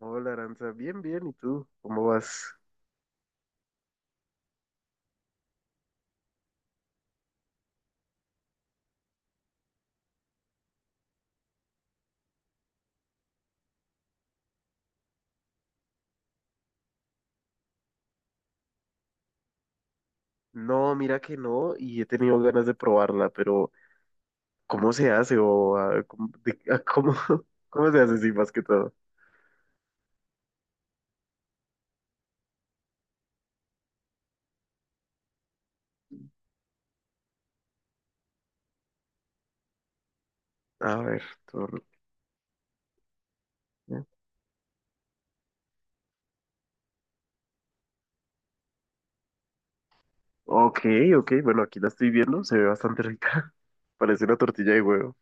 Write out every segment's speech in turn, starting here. Hola, Aranza, bien, bien, ¿y tú? ¿Cómo vas? No, mira que no, y he tenido ganas de probarla, pero ¿cómo se hace? O ah, ¿cómo, cómo, cómo se hace, sí, más que todo? A ver, tor- ok, ok, bueno, aquí la estoy viendo, se ve bastante rica. Parece una tortilla de huevo.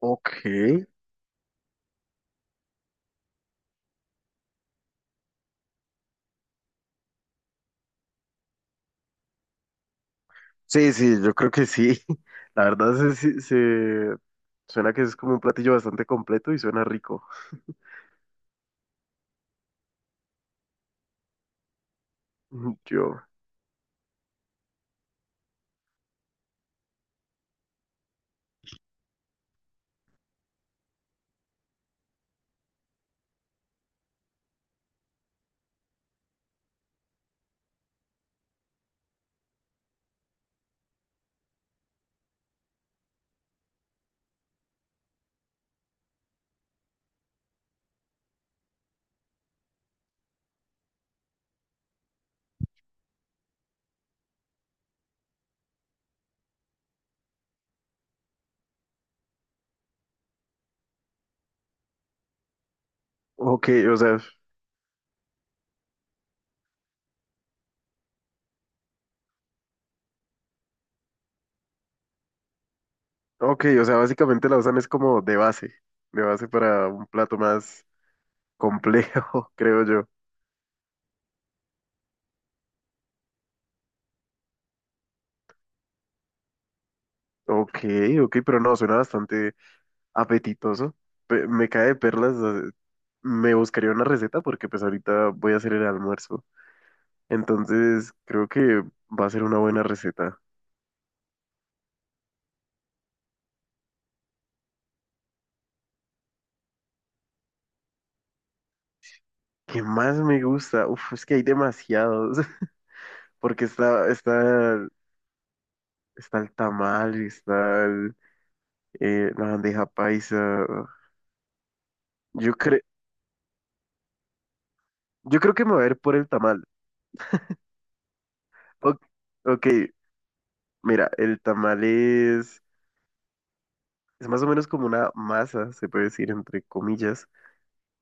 Ok, sí, sí, yo creo que sí. La verdad suena que es como un platillo bastante completo y suena rico. Yo, ok, o sea, ok, o sea, básicamente la usan es como de base para un plato más complejo, creo yo. Ok, ok, pero no, suena bastante apetitoso. Me cae de perlas, me buscaría una receta porque pues ahorita voy a hacer el almuerzo. Entonces, creo que va a ser una buena receta. ¿Qué más me gusta? Uf, es que hay demasiados, porque está el tamal, está el, la bandeja paisa. Yo creo... Yo creo que me voy a ir por el tamal. O- ok, mira, el tamal es más o menos como una masa, se puede decir, entre comillas,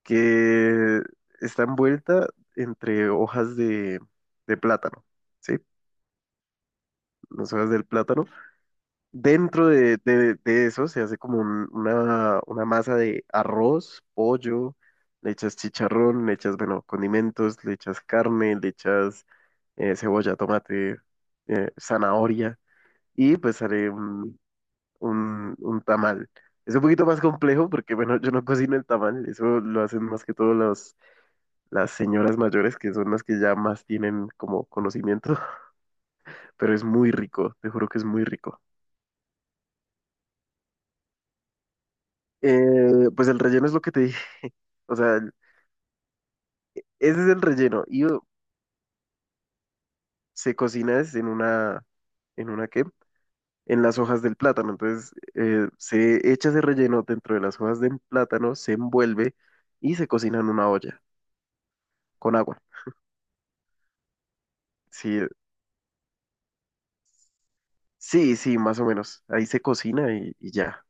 que está envuelta entre hojas de plátano, ¿sí? Las hojas del plátano. Dentro de, de eso se hace como una masa de arroz, pollo, le echas chicharrón, le echas, bueno, condimentos, le echas carne, le echas cebolla, tomate, zanahoria. Y pues haré un, un tamal. Es un poquito más complejo porque, bueno, yo no cocino el tamal, eso lo hacen más que todo los, las señoras mayores, que son las que ya más tienen como conocimiento, pero es muy rico, te juro que es muy rico. Pues el relleno es lo que te dije, o sea, el- ese es el relleno y se cocina es ¿en una qué? En las hojas del plátano, entonces se echa ese relleno dentro de las hojas del plátano, se envuelve y se cocina en una olla con agua. Sí, sí, sí, más o menos. Ahí se cocina y ya.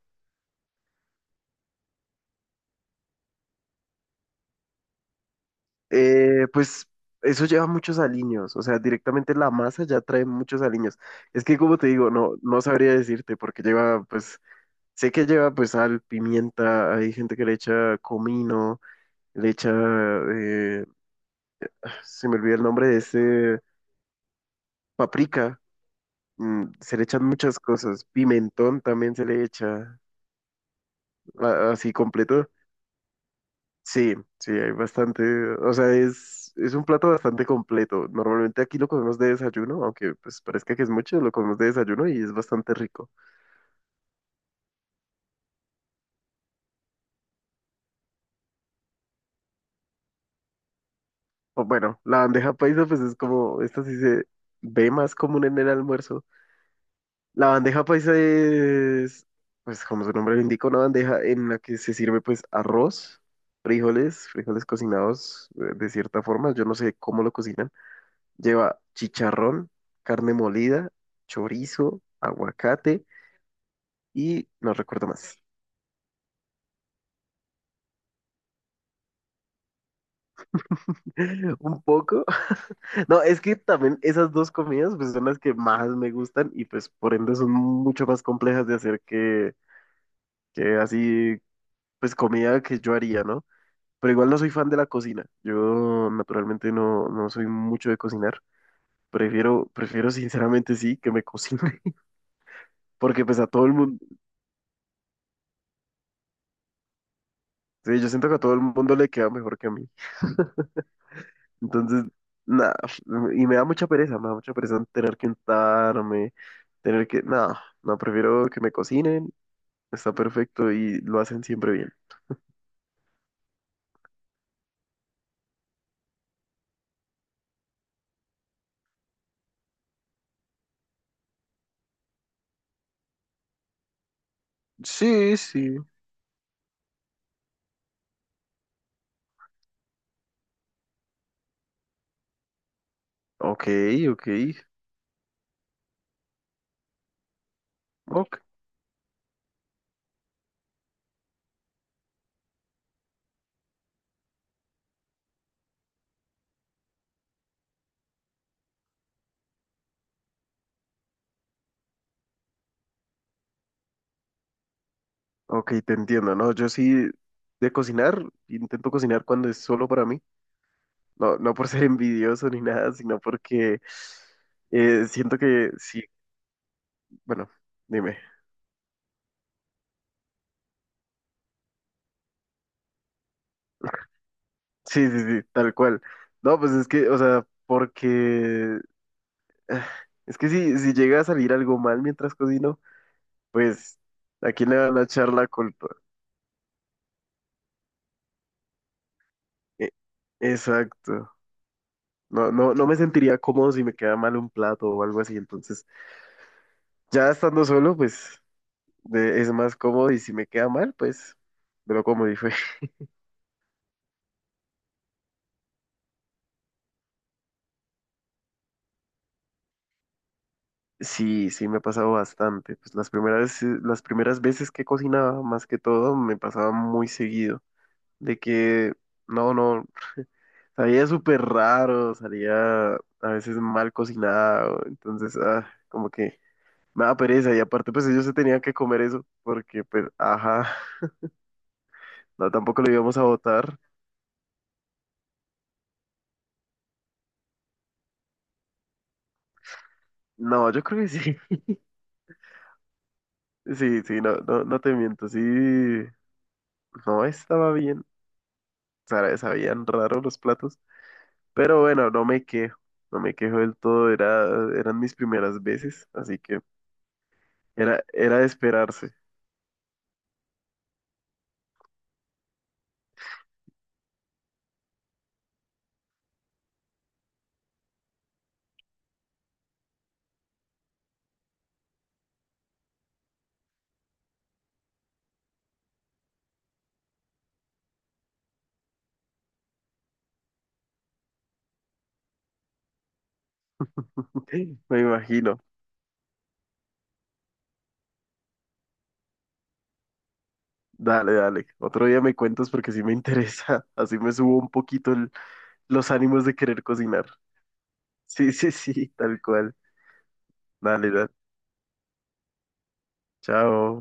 Pues eso lleva muchos aliños, o sea, directamente la masa ya trae muchos aliños. Es que como te digo, no, no sabría decirte porque lleva, pues, sé que lleva pues sal, pimienta, hay gente que le echa comino, le echa, eh, se me olvida el nombre de ese, paprika, se le echan muchas cosas, pimentón también se le echa, así completo. Sí, sí, hay bastante, o sea, es un plato bastante completo. Normalmente aquí lo comemos de desayuno, aunque pues parezca que es mucho, lo comemos de desayuno y es bastante rico. O bueno, la bandeja paisa pues es como, esta sí se ve más común en el almuerzo. La bandeja paisa es, pues como su nombre lo indica, una bandeja en la que se sirve pues arroz, frijoles, frijoles cocinados de cierta forma, yo no sé cómo lo cocinan. Lleva chicharrón, carne molida, chorizo, aguacate y no recuerdo más. Un poco. No, es que también esas dos comidas pues, son las que más me gustan y pues por ende son mucho más complejas de hacer que así, pues comida que yo haría, ¿no? Pero igual no soy fan de la cocina. Yo naturalmente no, no soy mucho de cocinar. Prefiero, prefiero sinceramente sí que me cocine, porque pues a todo el mundo, sí, yo siento que a todo el mundo le queda mejor que a mí. Entonces, nada, y me da mucha pereza, me da mucha pereza tener que untarme, tener que, nada, no, prefiero que me cocinen, está perfecto y lo hacen siempre bien. Sí, sí. Ok, ok, ok, ok, te entiendo, ¿no? Yo sí de cocinar, intento cocinar cuando es solo para mí, no, no por ser envidioso ni nada, sino porque siento que sí, bueno, dime. Sí, sí, sí, tal cual. No, pues es que, o sea, porque ah, es que si, si llega a salir algo mal mientras cocino, pues ¿a quién le van a echar la culpa? E- exacto. No, no, no me sentiría cómodo si me queda mal un plato o algo así. Entonces, ya estando solo, pues es más cómodo y si me queda mal, pues me lo como y fue. Sí, sí, me ha pasado bastante. Pues las primeras veces que cocinaba, más que todo, me pasaba muy seguido de que no, no. Sabía súper raro, salía a veces mal cocinado, entonces, ah, como que me da pereza y aparte pues ellos se tenían que comer eso porque pues, ajá, no, tampoco lo íbamos a votar. No, yo creo que sí, sí, sí, no, no, no te miento, sí, no estaba bien, o sea, sabían raro los platos, pero bueno, no me quejo, no me quejo del todo, era, eran mis primeras veces, así que era, era de esperarse, me imagino. Dale, dale. Otro día me cuentas porque sí me interesa. Así me subo un poquito los ánimos de querer cocinar. Sí, sí, sí, tal cual. Dale, dale. Chao.